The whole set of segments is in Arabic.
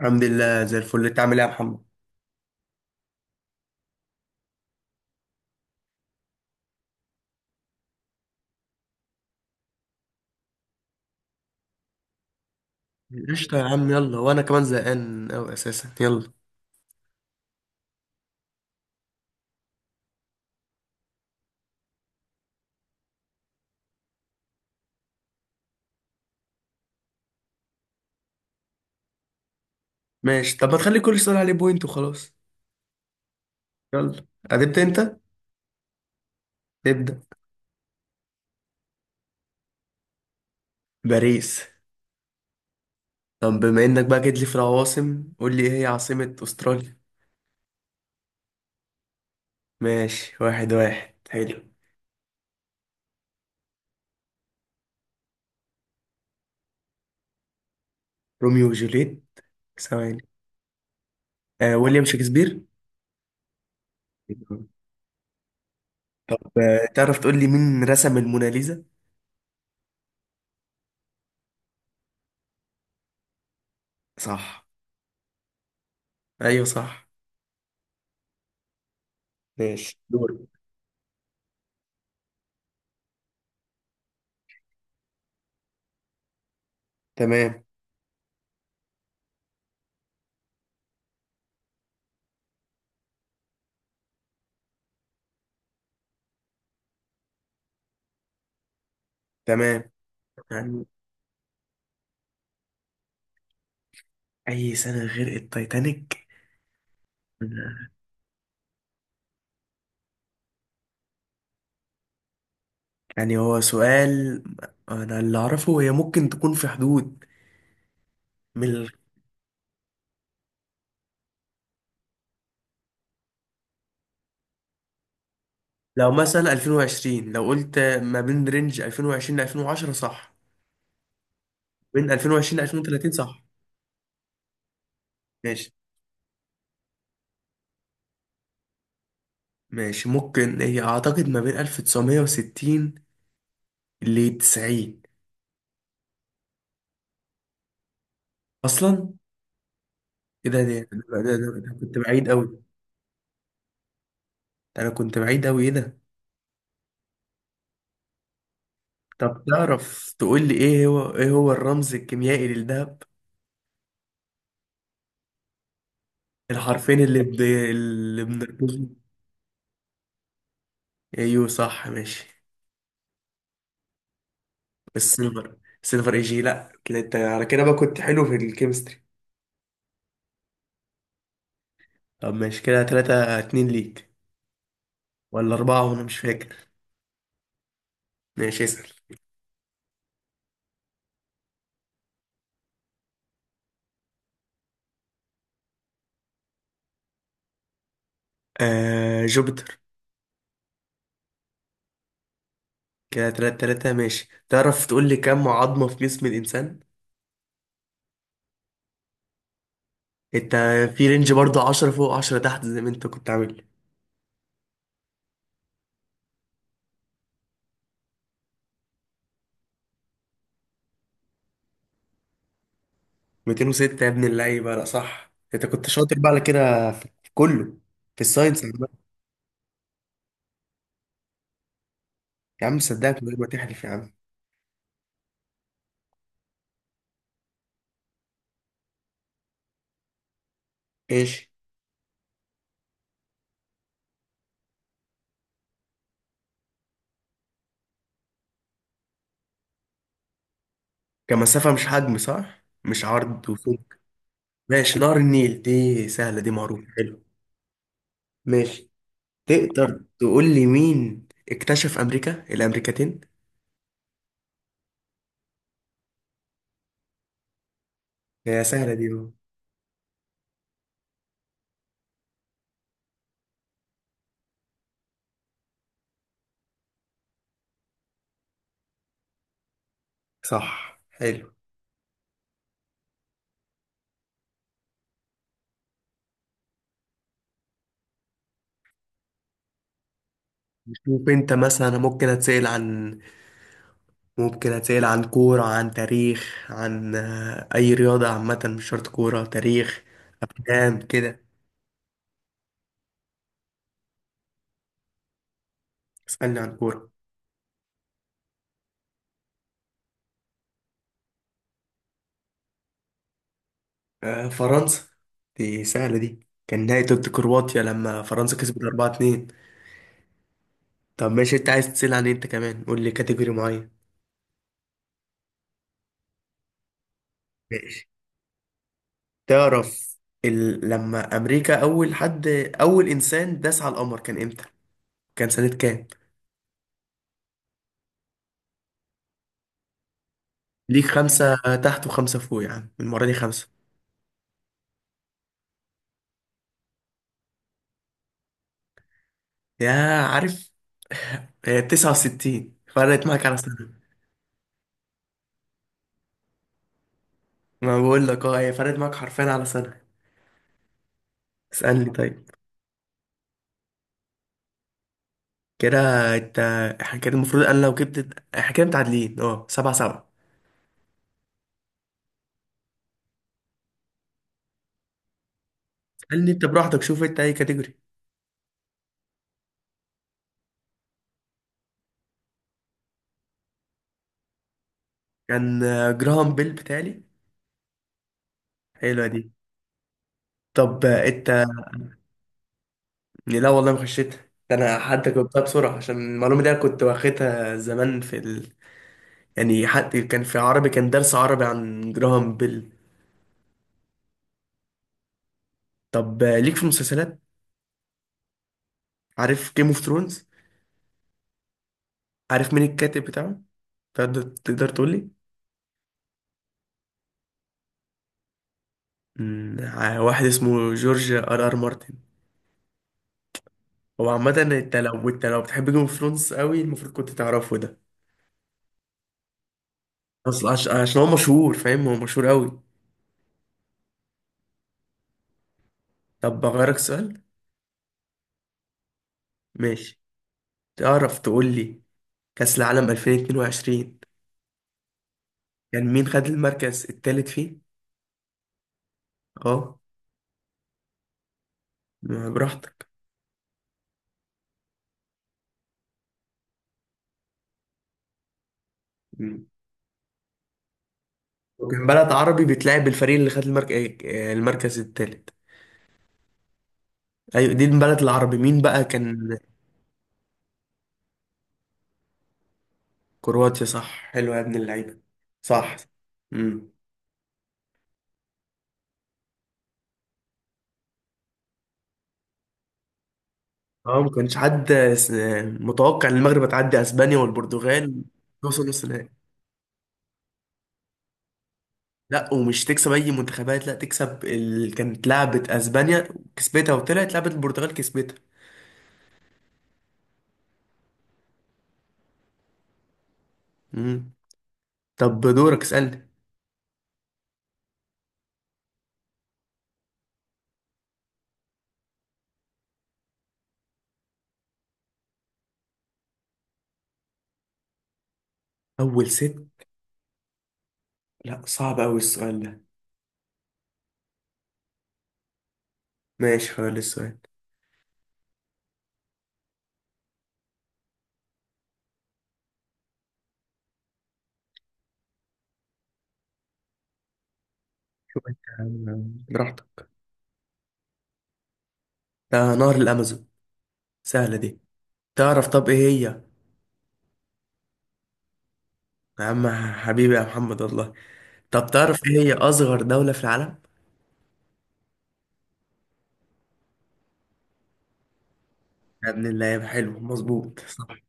الحمد لله زي الفل، انت عامل ايه يا محمد؟ قشطة يا عم، يلا. وانا كمان زهقان اوي اساسا، يلا. ماشي، طب ما تخلي كل سؤال عليه بوينت وخلاص. يلا. هتبدأ انت؟ ابدأ. باريس. طب بما انك بقى جيت لي في العواصم، قول لي ايه هي عاصمة استراليا؟ ماشي، واحد واحد، حلو. روميو وجوليت. ثواني. ويليام شكسبير. طب، تعرف تقول لي مين رسم الموناليزا؟ صح. ايوه صح. ماشي، دوري. تمام. تمام. عن اي سنة غير التايتانيك؟ يعني هو سؤال، انا اللي اعرفه هي ممكن تكون في حدود، من ال- لو مثلا 2020، لو قلت ما بين رينج 2020 ل 2010 صح، بين 2020 ل 2030 صح. ماشي. ماشي ممكن هي اعتقد ما بين 1960 ل 90. اصلا ايه ده، ده كنت بعيد قوي. انا كنت بعيد قوي، ايه ده. طب تعرف تقول لي ايه هو الرمز الكيميائي للذهب؟ الحرفين اللي بنرمزهم. ايوه صح ماشي. السيلفر. السيلفر اي جي؟ لا، كده انت على كده بقى كنت حلو في الكيمستري. طب ماشي، كده تلاتة اتنين ليك، ولا أربعة، وأنا مش فاكر. ماشي، اسأل. جوبيتر. كده تلاتة تلاتة. ماشي، تعرف تقول لي كم عظمة في جسم الإنسان؟ أنت في رينج برضه، عشرة فوق عشرة تحت زي ما أنت كنت عامل؟ 206 يا ابن اللعيبة، لا صح، أنت كنت شاطر بقى على كده، في كله، في الساينس عامة. يا عم صدقك من غير ما تحلف يا عم. ايش؟ كمسافة مش حجم صح؟ مش عرض وطول. ماشي، نهر النيل، دي سهلة دي، معروفة، حلو. ماشي. تقدر تقول لي مين اكتشف الأمريكتين؟ هي سهلة دي بقى. صح حلو. شوف انت مثلا، أنا ممكن اتسأل عن ممكن اتسأل عن كورة، عن تاريخ، عن أي رياضة عامة، مش شرط كورة تاريخ، أفلام كده. اسألني عن كورة. فرنسا. دي سهلة دي، كان نهائي ضد كرواتيا لما فرنسا كسبت 4-2. طب ماشي، انت عايز تسأل عن ايه انت كمان؟ قول لي كاتيجوري معين. ماشي. تعرف ال... لما أمريكا أول حد أول إنسان داس على القمر كان إمتى؟ كان سنة كام؟ ليك خمسة تحت وخمسة فوق يا عم، المرة دي خمسة. يا، عارف، هي 69 فرقت معاك على سنة. ما بقول لك، اه هي فرقت معاك حرفيا على سنة. اسألني طيب. كده انت، احنا كده المفروض، انا لو جبت احنا كده متعادلين، اه سبعة سبعة. اسألني انت براحتك، شوف انت اي كاتيجوري. كان جراهام بيل بتالي. حلوة دي. طب، لا والله ما خشيتها، ده انا حتى جبتها بسرعه عشان المعلومه دي أنا كنت واخدها زمان في ال... يعني حتى كان في عربي، كان درس عربي عن جراهام بيل. طب، ليك في المسلسلات. عارف جيم اوف ثرونز؟ عارف مين الكاتب بتاعه؟ تقدر تقول لي؟ واحد اسمه جورج ار ار مارتن. هو عامه انت لو بتحب جيم اوف ثرونز قوي، المفروض كنت تعرفه ده. اصلا عشان هو مشهور فاهم، هو مشهور قوي. طب بغيرك سؤال. ماشي. تعرف تقول لي كأس العالم 2022، كان مين خد المركز التالت فيه؟ اه. ما براحتك. مم. وكان بلد عربي بتلعب الفريق اللي خد المركز، المركز التالت. ايوه دي البلد العربي، مين بقى كان؟ كرواتيا؟ صح حلو يا ابن اللعيبه. صح. امم. اه ما كانش حد، س- متوقع ان المغرب هتعدي اسبانيا والبرتغال، توصل نص النهائي. لا ومش تكسب اي منتخبات، لا تكسب ال... كانت لعبت اسبانيا كسبتها، وطلعت لعبت البرتغال كسبتها. امم. طب دورك، اسالني. اول ست؟ لا صعب أوي السؤال ده. ماشي، هقول السؤال. براحتك. ده نهر الأمازون، سهلة دي. تعرف طب إيه هي؟ يا عم حبيبي يا محمد والله. طب تعرف إيه هي أصغر دولة في العالم؟ يا ابن اللعيبة حلو، مظبوط صح.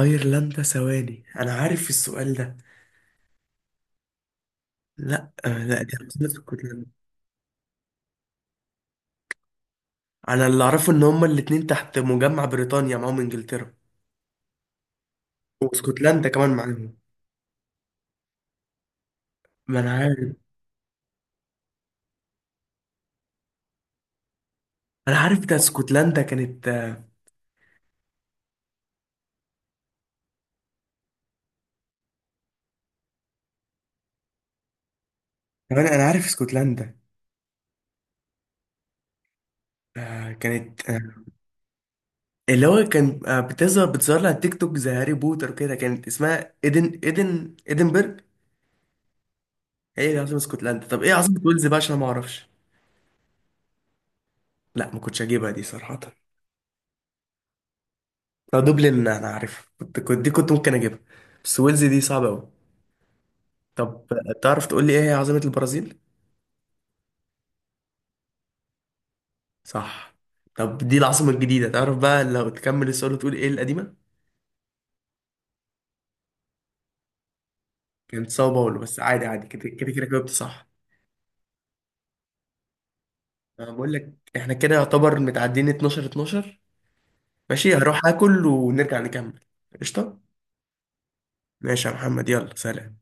أيرلندا، ثواني أنا عارف السؤال ده. لا، لا دي عاصمة اسكتلندا. أنا اللي أعرفه إن هما الاتنين تحت مجمع بريطانيا، معاهم إنجلترا. واسكتلندا كمان معاهم. ما أنا عارف. أنا عارف ده، اسكتلندا كانت كمان. أنا عارف اسكتلندا، آه، كانت آه، اللي هو كان آه، بتظهر لي على التيك توك زي هاري بوتر كده، كانت اسمها ايدنبرج. هي اللي عاصمة اسكتلندا. طب ايه عاصمة ويلز بقى؟ عشان أنا ما اعرفش. لا ما كنتش اجيبها دي صراحة. لو دوبلن انا عارف، كنت ممكن اجيبها. بس ويلز دي صعبة قوي. طب، تعرف تقول لي ايه هي عاصمة البرازيل؟ صح. طب دي العاصمة الجديدة، تعرف بقى لو تكمل السؤال وتقول ايه القديمة؟ كانت ساو باولو، بس عادي عادي، كده جاوبت صح. أنا بقول لك احنا كده يعتبر متعدين 12، 12. ماشي، هروح اكل ونرجع نكمل. قشطة. ماشي يا محمد، يلا سلام.